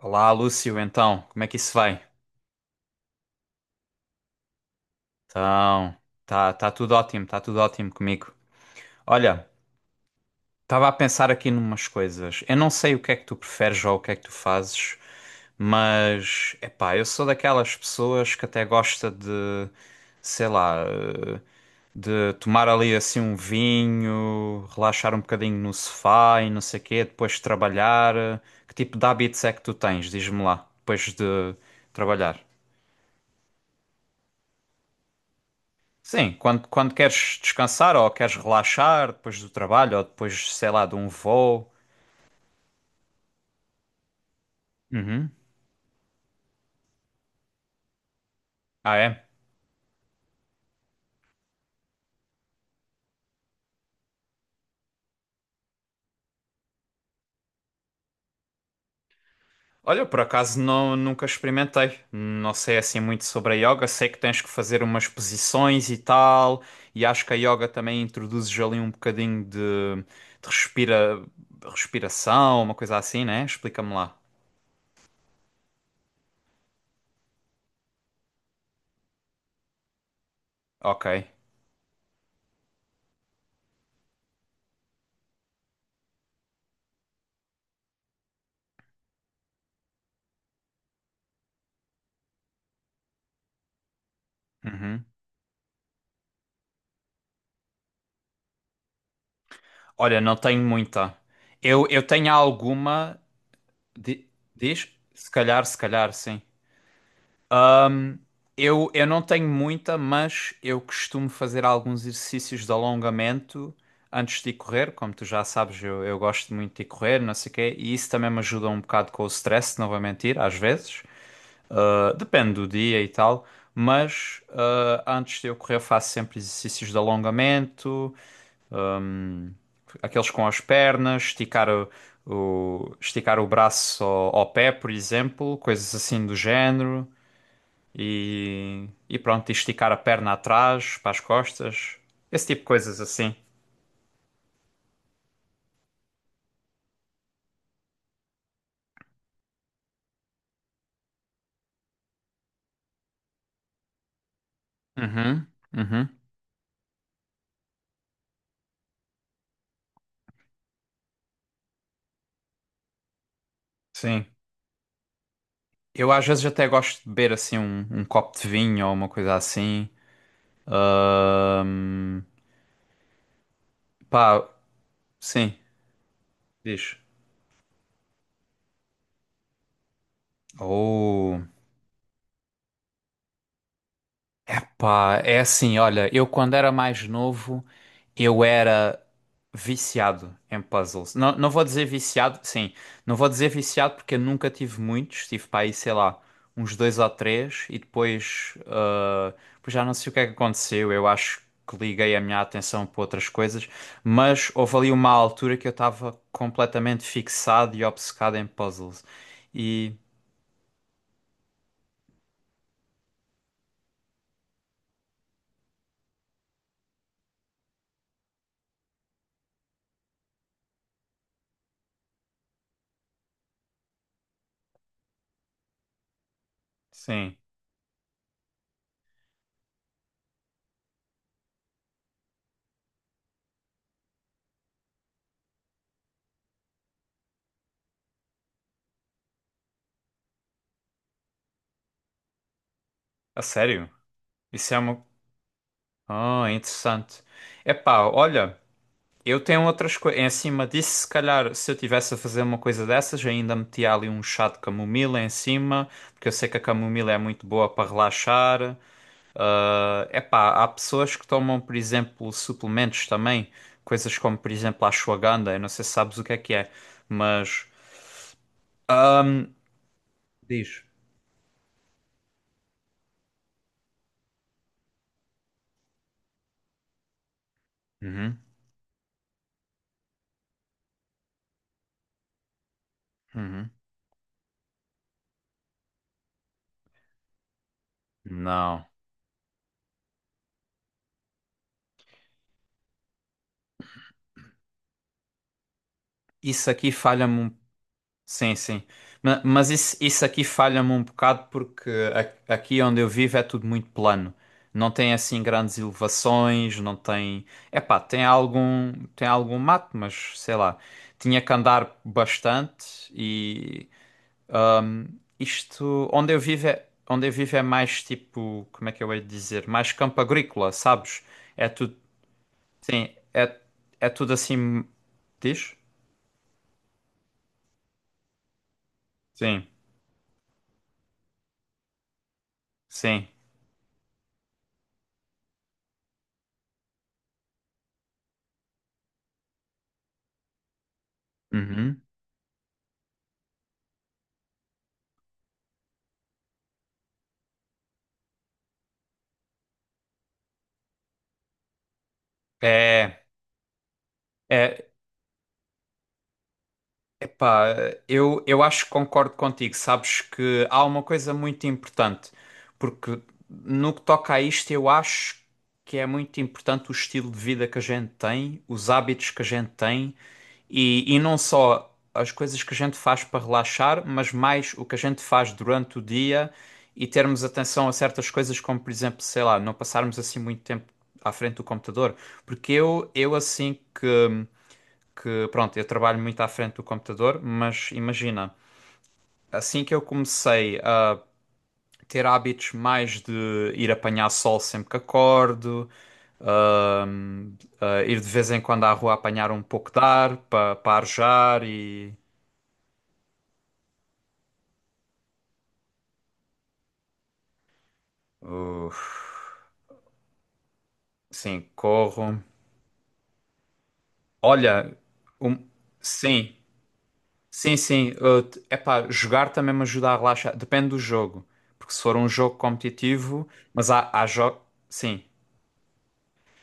Olá, Lúcio, então, como é que isso vai? Então, tá tudo ótimo, tá tudo ótimo comigo. Olha, estava a pensar aqui numas coisas. Eu não sei o que é que tu preferes ou o que é que tu fazes, mas, epá, eu sou daquelas pessoas que até gosta de, sei lá, de tomar ali assim um vinho, relaxar um bocadinho no sofá e não sei quê, depois trabalhar. Que tipo de hábitos é que tu tens? Diz-me lá, depois de trabalhar. Sim, quando queres descansar ou queres relaxar depois do trabalho ou depois, sei lá, de um voo. Uhum. Ah, é? Olha, por acaso não, nunca experimentei. Não sei assim muito sobre a yoga. Sei que tens que fazer umas posições e tal. E acho que a yoga também introduzes ali um bocadinho de, de respira, respiração, uma coisa assim, né? Explica-me lá. Ok. Uhum. Olha, não tenho muita. Eu tenho alguma. di- Diz? Se calhar, sim. Eu não tenho muita, mas eu costumo fazer alguns exercícios de alongamento antes de ir correr. Como tu já sabes, eu gosto muito de ir correr, não sei o quê, e isso também me ajuda um bocado com o stress, não vou mentir, às vezes. Ah, depende do dia e tal, mas antes de eu correr, eu faço sempre exercícios de alongamento, aqueles com as pernas, esticar o braço ao pé, por exemplo, coisas assim do género e pronto, e esticar a perna atrás, para as costas, esse tipo de coisas assim. Uhum, uhum, sim. Eu às vezes até gosto de beber assim um copo de vinho ou uma coisa assim. Ahm, pá, sim, diz. Oh. Pá, é assim, olha, eu quando era mais novo, eu era viciado em puzzles. Não, não vou dizer viciado, sim, não vou dizer viciado porque eu nunca tive muitos, tive para aí, sei lá, uns dois ou três e depois, depois já não sei o que é que aconteceu, eu acho que liguei a minha atenção para outras coisas, mas houve ali uma altura que eu estava completamente fixado e obcecado em puzzles. E, sim, a sério, isso é uma, ah, interessante. Epá, olha, eu tenho outras coisas. Em cima disso, se calhar, se eu tivesse a fazer uma coisa dessas, eu ainda metia ali um chá de camomila em cima, porque eu sei que a camomila é muito boa para relaxar. Ah, epá, há pessoas que tomam, por exemplo, suplementos também, coisas como, por exemplo, a ashwagandha. Eu não sei se sabes o que é, mas. ahm, Diz. Uhum, uhum. Não. Isso aqui falha-me um sim, sim. Mas isso aqui falha-me um bocado porque aqui onde eu vivo é tudo muito plano. Não tem assim grandes elevações, não tem. Epá, tem algum mato, mas sei lá. Tinha que andar bastante e isto onde eu vivo é, onde eu vivo é mais tipo, como é que eu hei de dizer? Mais campo agrícola, sabes? É tudo, sim, é, é tudo assim, diz? Sim, sim. Uhum. É, é, epá, eu acho que concordo contigo. Sabes que há uma coisa muito importante, porque no que toca a isto, eu acho que é muito importante o estilo de vida que a gente tem, os hábitos que a gente tem e não só as coisas que a gente faz para relaxar, mas mais o que a gente faz durante o dia e termos atenção a certas coisas, como por exemplo, sei lá, não passarmos assim muito tempo à frente do computador. Porque eu assim que que pronto, eu trabalho muito à frente do computador, mas imagina, assim que eu comecei a ter hábitos mais de ir apanhar sol sempre que acordo, a ir de vez em quando à rua apanhar um pouco de ar para pa arejar e. Uf, sim, corro. Olha, um, sim, sim, sim. É pá, jogar também me ajuda a relaxar. Depende do jogo. Porque se for um jogo competitivo, mas há, há jogos. Sim.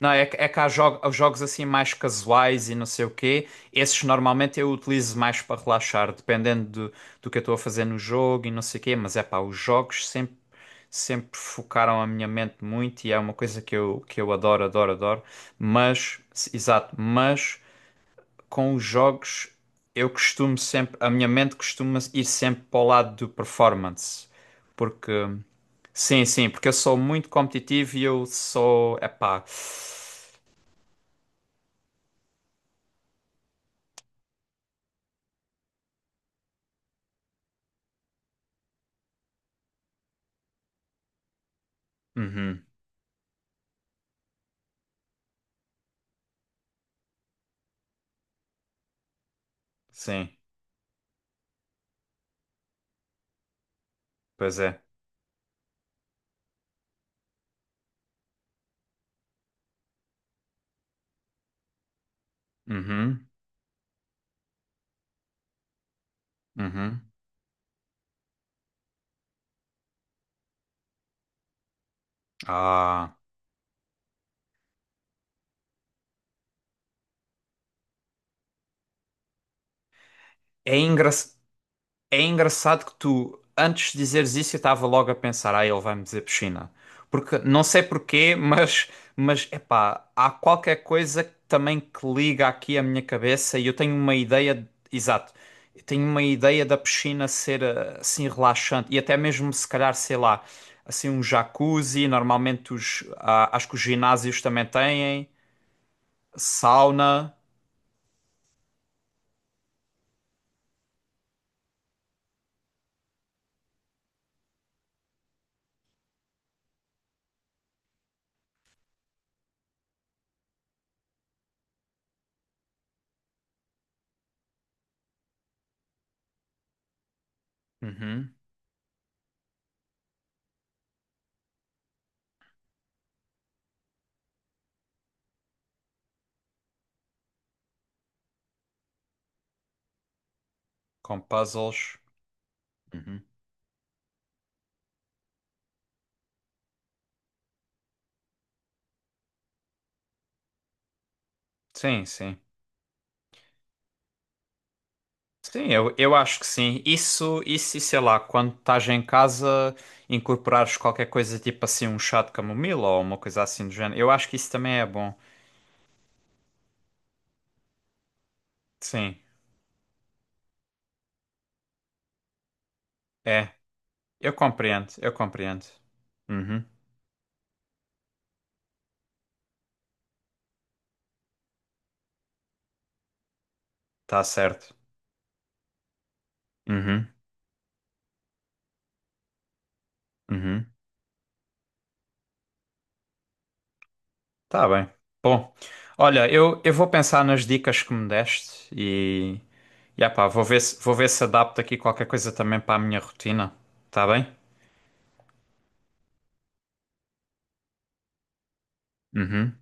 Não, é, é que há há jogos assim mais casuais e não sei o quê. Esses normalmente eu utilizo mais para relaxar, dependendo do, do que eu estou a fazer no jogo e não sei o quê. Mas é pá, os jogos sempre focaram a minha mente muito e é uma coisa que eu adoro, adoro, adoro. Mas, exato, mas com os jogos eu costumo sempre, a minha mente costuma ir sempre para o lado do performance. Porque, sim, sim, porque eu sou muito competitivo e eu sou, é pá. Uhum, sim, pois é. Uhum, uhum. Ah, é engra... é engraçado que tu, antes de dizeres isso, eu estava logo a pensar, ah, ele vai-me dizer piscina. Porque, não sei porquê, mas, epá, há qualquer coisa que também que liga aqui a minha cabeça e eu tenho uma ideia, exato, eu tenho uma ideia da piscina ser assim relaxante e até mesmo se calhar, sei lá, assim um jacuzzi, normalmente os, ah, acho que os ginásios também têm, sauna. Uhum. Com puzzles. Uhum. Sim, sim. Sim, eu acho que sim. Isso, e sei lá, quando estás em casa, incorporares qualquer coisa tipo assim, um chá de camomila ou uma coisa assim do género. Eu acho que isso também é bom. Sim, é. Eu compreendo, eu compreendo. Uhum. Tá certo. Uhum. Uhum. Tá bem. Bom, olha, eu vou pensar nas dicas que me deste e. E ah pá, vou ver se adapto aqui qualquer coisa também para a minha rotina. Tá bem? Uhum.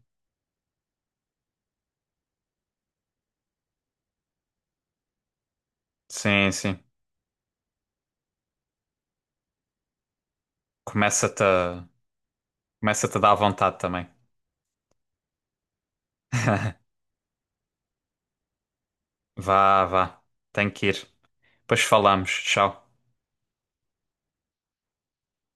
Sim, sim. Começa-te a... Começa-te a dar vontade também. Vá, vá. Tenho que ir. Depois falamos. Tchau.